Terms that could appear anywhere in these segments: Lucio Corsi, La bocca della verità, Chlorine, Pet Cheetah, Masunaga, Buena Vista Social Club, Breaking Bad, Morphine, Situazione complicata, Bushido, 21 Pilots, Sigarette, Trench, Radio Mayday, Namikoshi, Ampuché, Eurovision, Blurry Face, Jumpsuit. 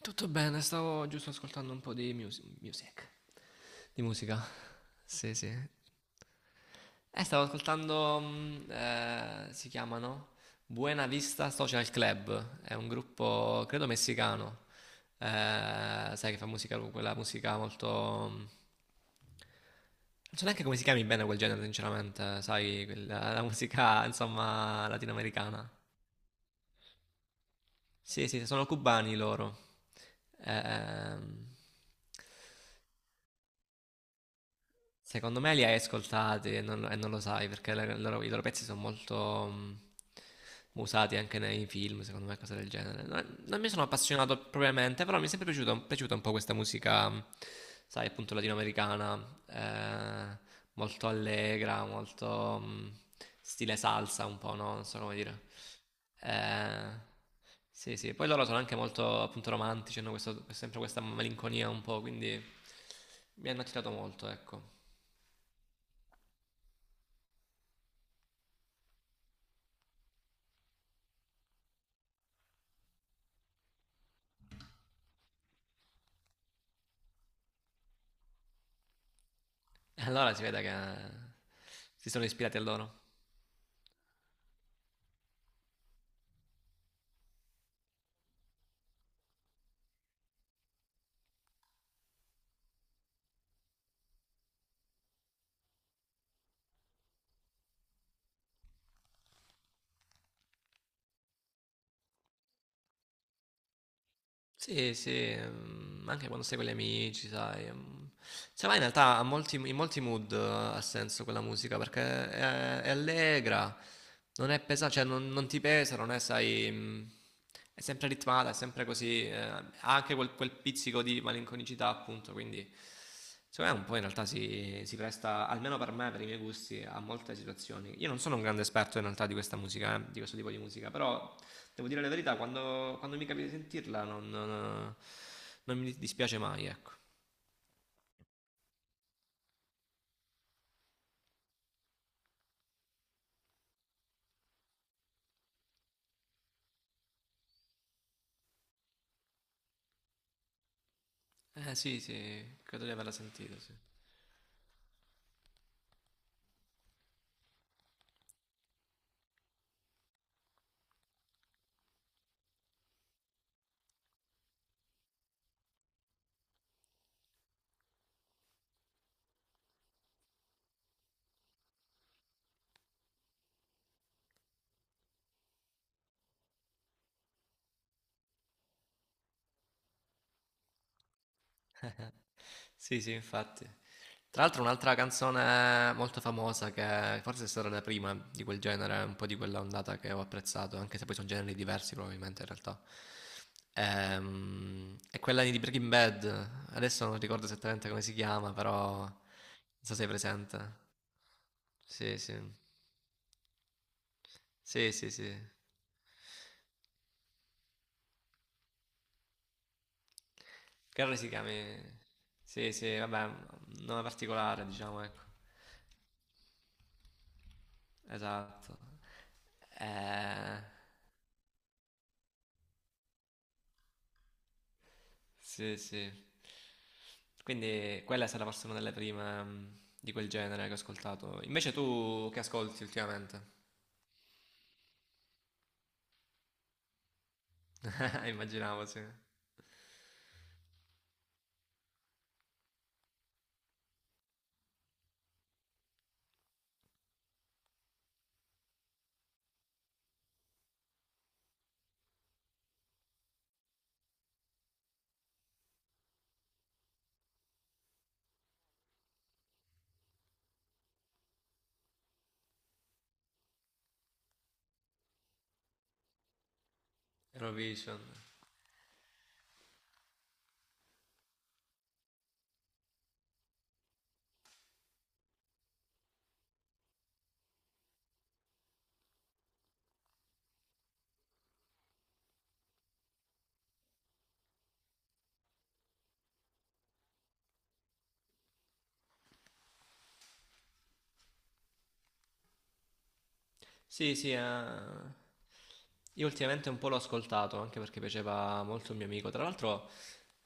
Tutto bene, stavo giusto ascoltando un po' di music. Di musica. Sì, sì. Stavo ascoltando, si chiamano Buena Vista Social Club, è un gruppo, credo, messicano. Eh, sai che fa musica, quella musica molto... Non so neanche come si chiami bene quel genere, sinceramente, sai, quella, la musica, insomma, latinoamericana. Sì, sì, sono cubani loro. Ehm, Secondo me li hai ascoltati e non lo sai perché i loro pezzi sono molto usati anche nei film, secondo me, cose del genere. Non mi sono appassionato propriamente, però mi è sempre piaciuta un po' questa musica, sai, appunto latinoamericana, molto allegra, molto stile salsa un po', no? Non so come dire. Eh, sì, sì, poi loro sono anche molto appunto romantici, sempre questa malinconia un po', quindi mi hanno attirato molto, ecco. Allora si vede che si sono ispirati a loro. Sì, sì, anche quando sei con gli amici, sai. Se vai in realtà a in molti mood ha senso quella musica perché è allegra, non è pesante, cioè non ti pesa, non è, sai, è sempre ritmata, è sempre così, ha anche quel, quel pizzico di malinconicità appunto, quindi secondo me un po' in realtà si presta, almeno per me, per i miei gusti, a molte situazioni. Io non sono un grande esperto in realtà di questa musica, di questo tipo di musica, però devo dire la verità, quando mi capita di sentirla non mi dispiace mai, ecco. Eh sì, sì, credo di averla sentita, sì. Sì, sì, infatti. Tra l'altro un'altra canzone molto famosa che forse è stata la prima di quel genere, un po' di quella ondata che ho apprezzato, anche se poi sono generi diversi probabilmente in realtà. È quella di Breaking Bad. Adesso non ricordo esattamente come si chiama, però non so se è presente. Sì, sì. Sì, sì, sì. Credo si chiami... Sì, sì, vabbè, un nome particolare, diciamo, ecco. Esatto. Eh... Sì, sì. Quindi quella è stata forse una delle prime di quel genere che ho ascoltato. Invece tu che ascolti ultimamente? Immaginavo, sì. Eurovision. Sì, sì, eh. Io ultimamente un po' l'ho ascoltato, anche perché piaceva molto un mio amico. Tra l'altro,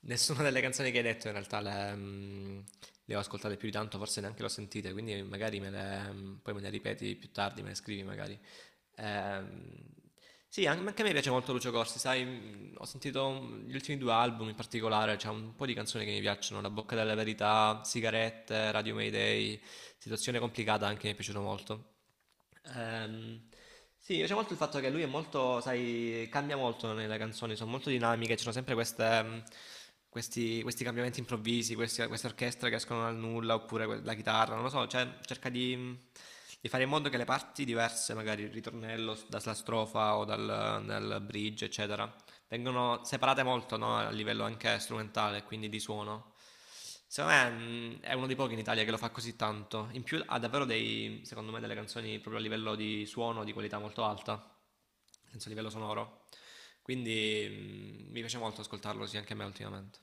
nessuna delle canzoni che hai detto in realtà le ho ascoltate più di tanto, forse neanche le ho sentite, quindi magari poi me le ripeti più tardi, me le scrivi magari. Ehm, sì, anche a me piace molto Lucio Corsi, sai, ho sentito gli ultimi due album in particolare, c'è un po' di canzoni che mi piacciono, La bocca della verità, Sigarette, Radio Mayday, Situazione complicata anche mi è piaciuto molto. Ehm, sì, mi piace molto il fatto che lui è molto, sai, cambia molto nelle canzoni, sono molto dinamiche, ci sono sempre questi, questi cambiamenti improvvisi, queste orchestre che escono dal nulla, oppure la chitarra, non lo so, cioè cerca di fare in modo che le parti diverse, magari il ritornello dalla strofa o dal bridge, eccetera, vengono separate molto no, a livello anche strumentale, quindi di suono. Secondo me è uno dei pochi in Italia che lo fa così tanto. In più ha davvero dei, secondo me, delle canzoni proprio a livello di suono di qualità molto alta, senza livello sonoro. Quindi mi piace molto ascoltarlo, sì, anche a me ultimamente.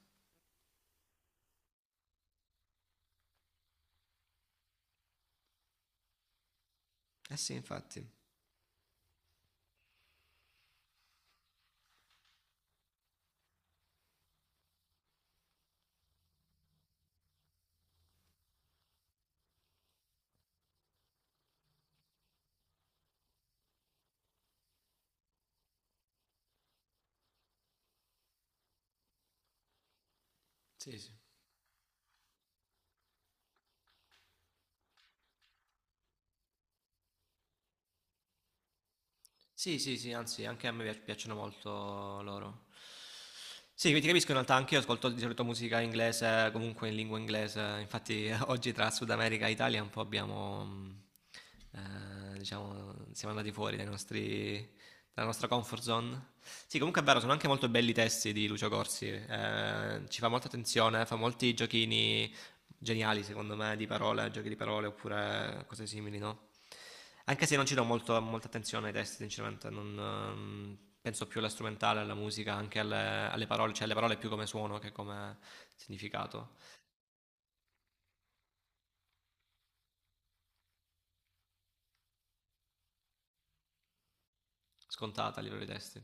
Eh sì, infatti. Sì, sì. Sì, sì, sì, anzi, anche a me piacciono molto loro. Sì, quindi ti capisco in realtà, anche io ascolto di solito musica inglese, comunque in lingua inglese. Infatti, oggi tra Sud America e Italia un po' abbiamo, diciamo, siamo andati fuori dai nostri, dalla nostra comfort zone. Sì, comunque è vero, sono anche molto belli i testi di Lucio Corsi. Eh, ci fa molta attenzione, fa molti giochini geniali secondo me di parole, giochi di parole oppure cose simili, no? Anche se non ci do molta attenzione ai testi, sinceramente, non, penso più alla strumentale, alla musica, anche alle, alle parole, cioè alle parole più come suono che come significato, scontata a livello di testi.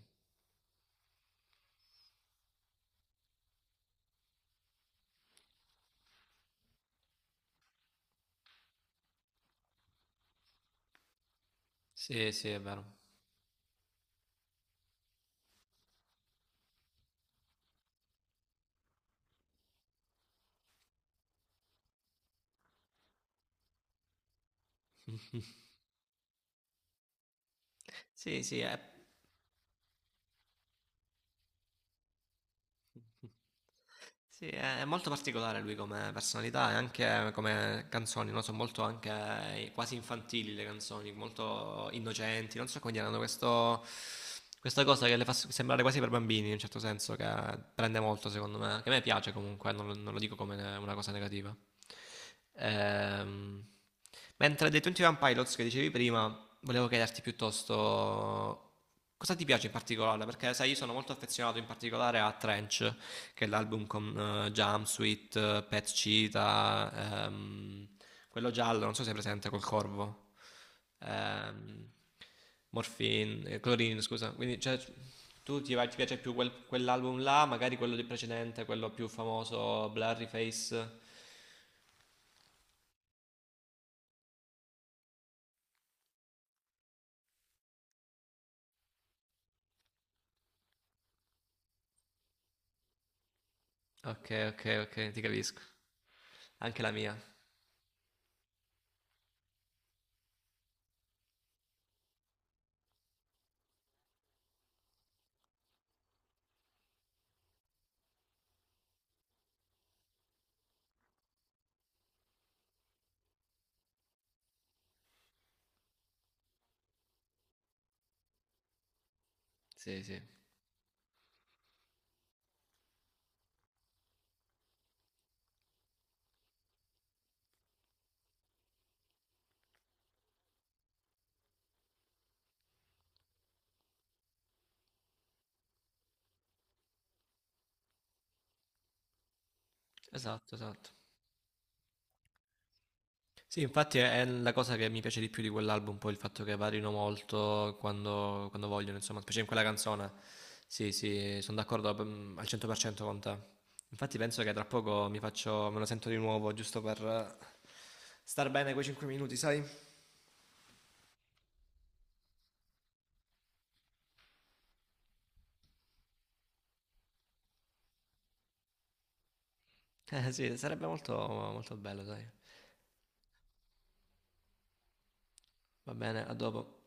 Sì, sì, è vero. Sì, sì, è- Sì, è molto particolare lui come personalità e anche come canzoni, no? Sono molto anche quasi infantili le canzoni, molto innocenti, non so come dire, hanno questo, questa cosa che le fa sembrare quasi per bambini in un certo senso, che prende molto secondo me, che a me piace comunque, non, lo non lo dico come una cosa negativa. Ehm, mentre dei 21 Pilots che dicevi prima, volevo chiederti piuttosto cosa ti piace in particolare, perché sai, io sono molto affezionato in particolare a Trench che è l'album con Jumpsuit, Pet Cheetah, quello giallo, non so se è presente col corvo, ehm, Morphine, Chlorine, scusa. Quindi cioè, ti piace più quell'album là, magari quello di precedente, quello più famoso, Blurry Face. Ok, ok, ok, ti capisco. Anche la mia. Sì, sì. Esatto, esatto. Sì, infatti è la cosa che mi piace di più di quell'album, poi il fatto che varino molto quando vogliono, insomma, specie in quella canzone. Sì, sì, sono d'accordo mm, al 100% con te. Infatti penso che tra poco mi faccio, me lo sento di nuovo, giusto per star bene quei 5 minuti, sai? Eh sì, sarebbe molto, molto bello, sai? Va bene, a dopo.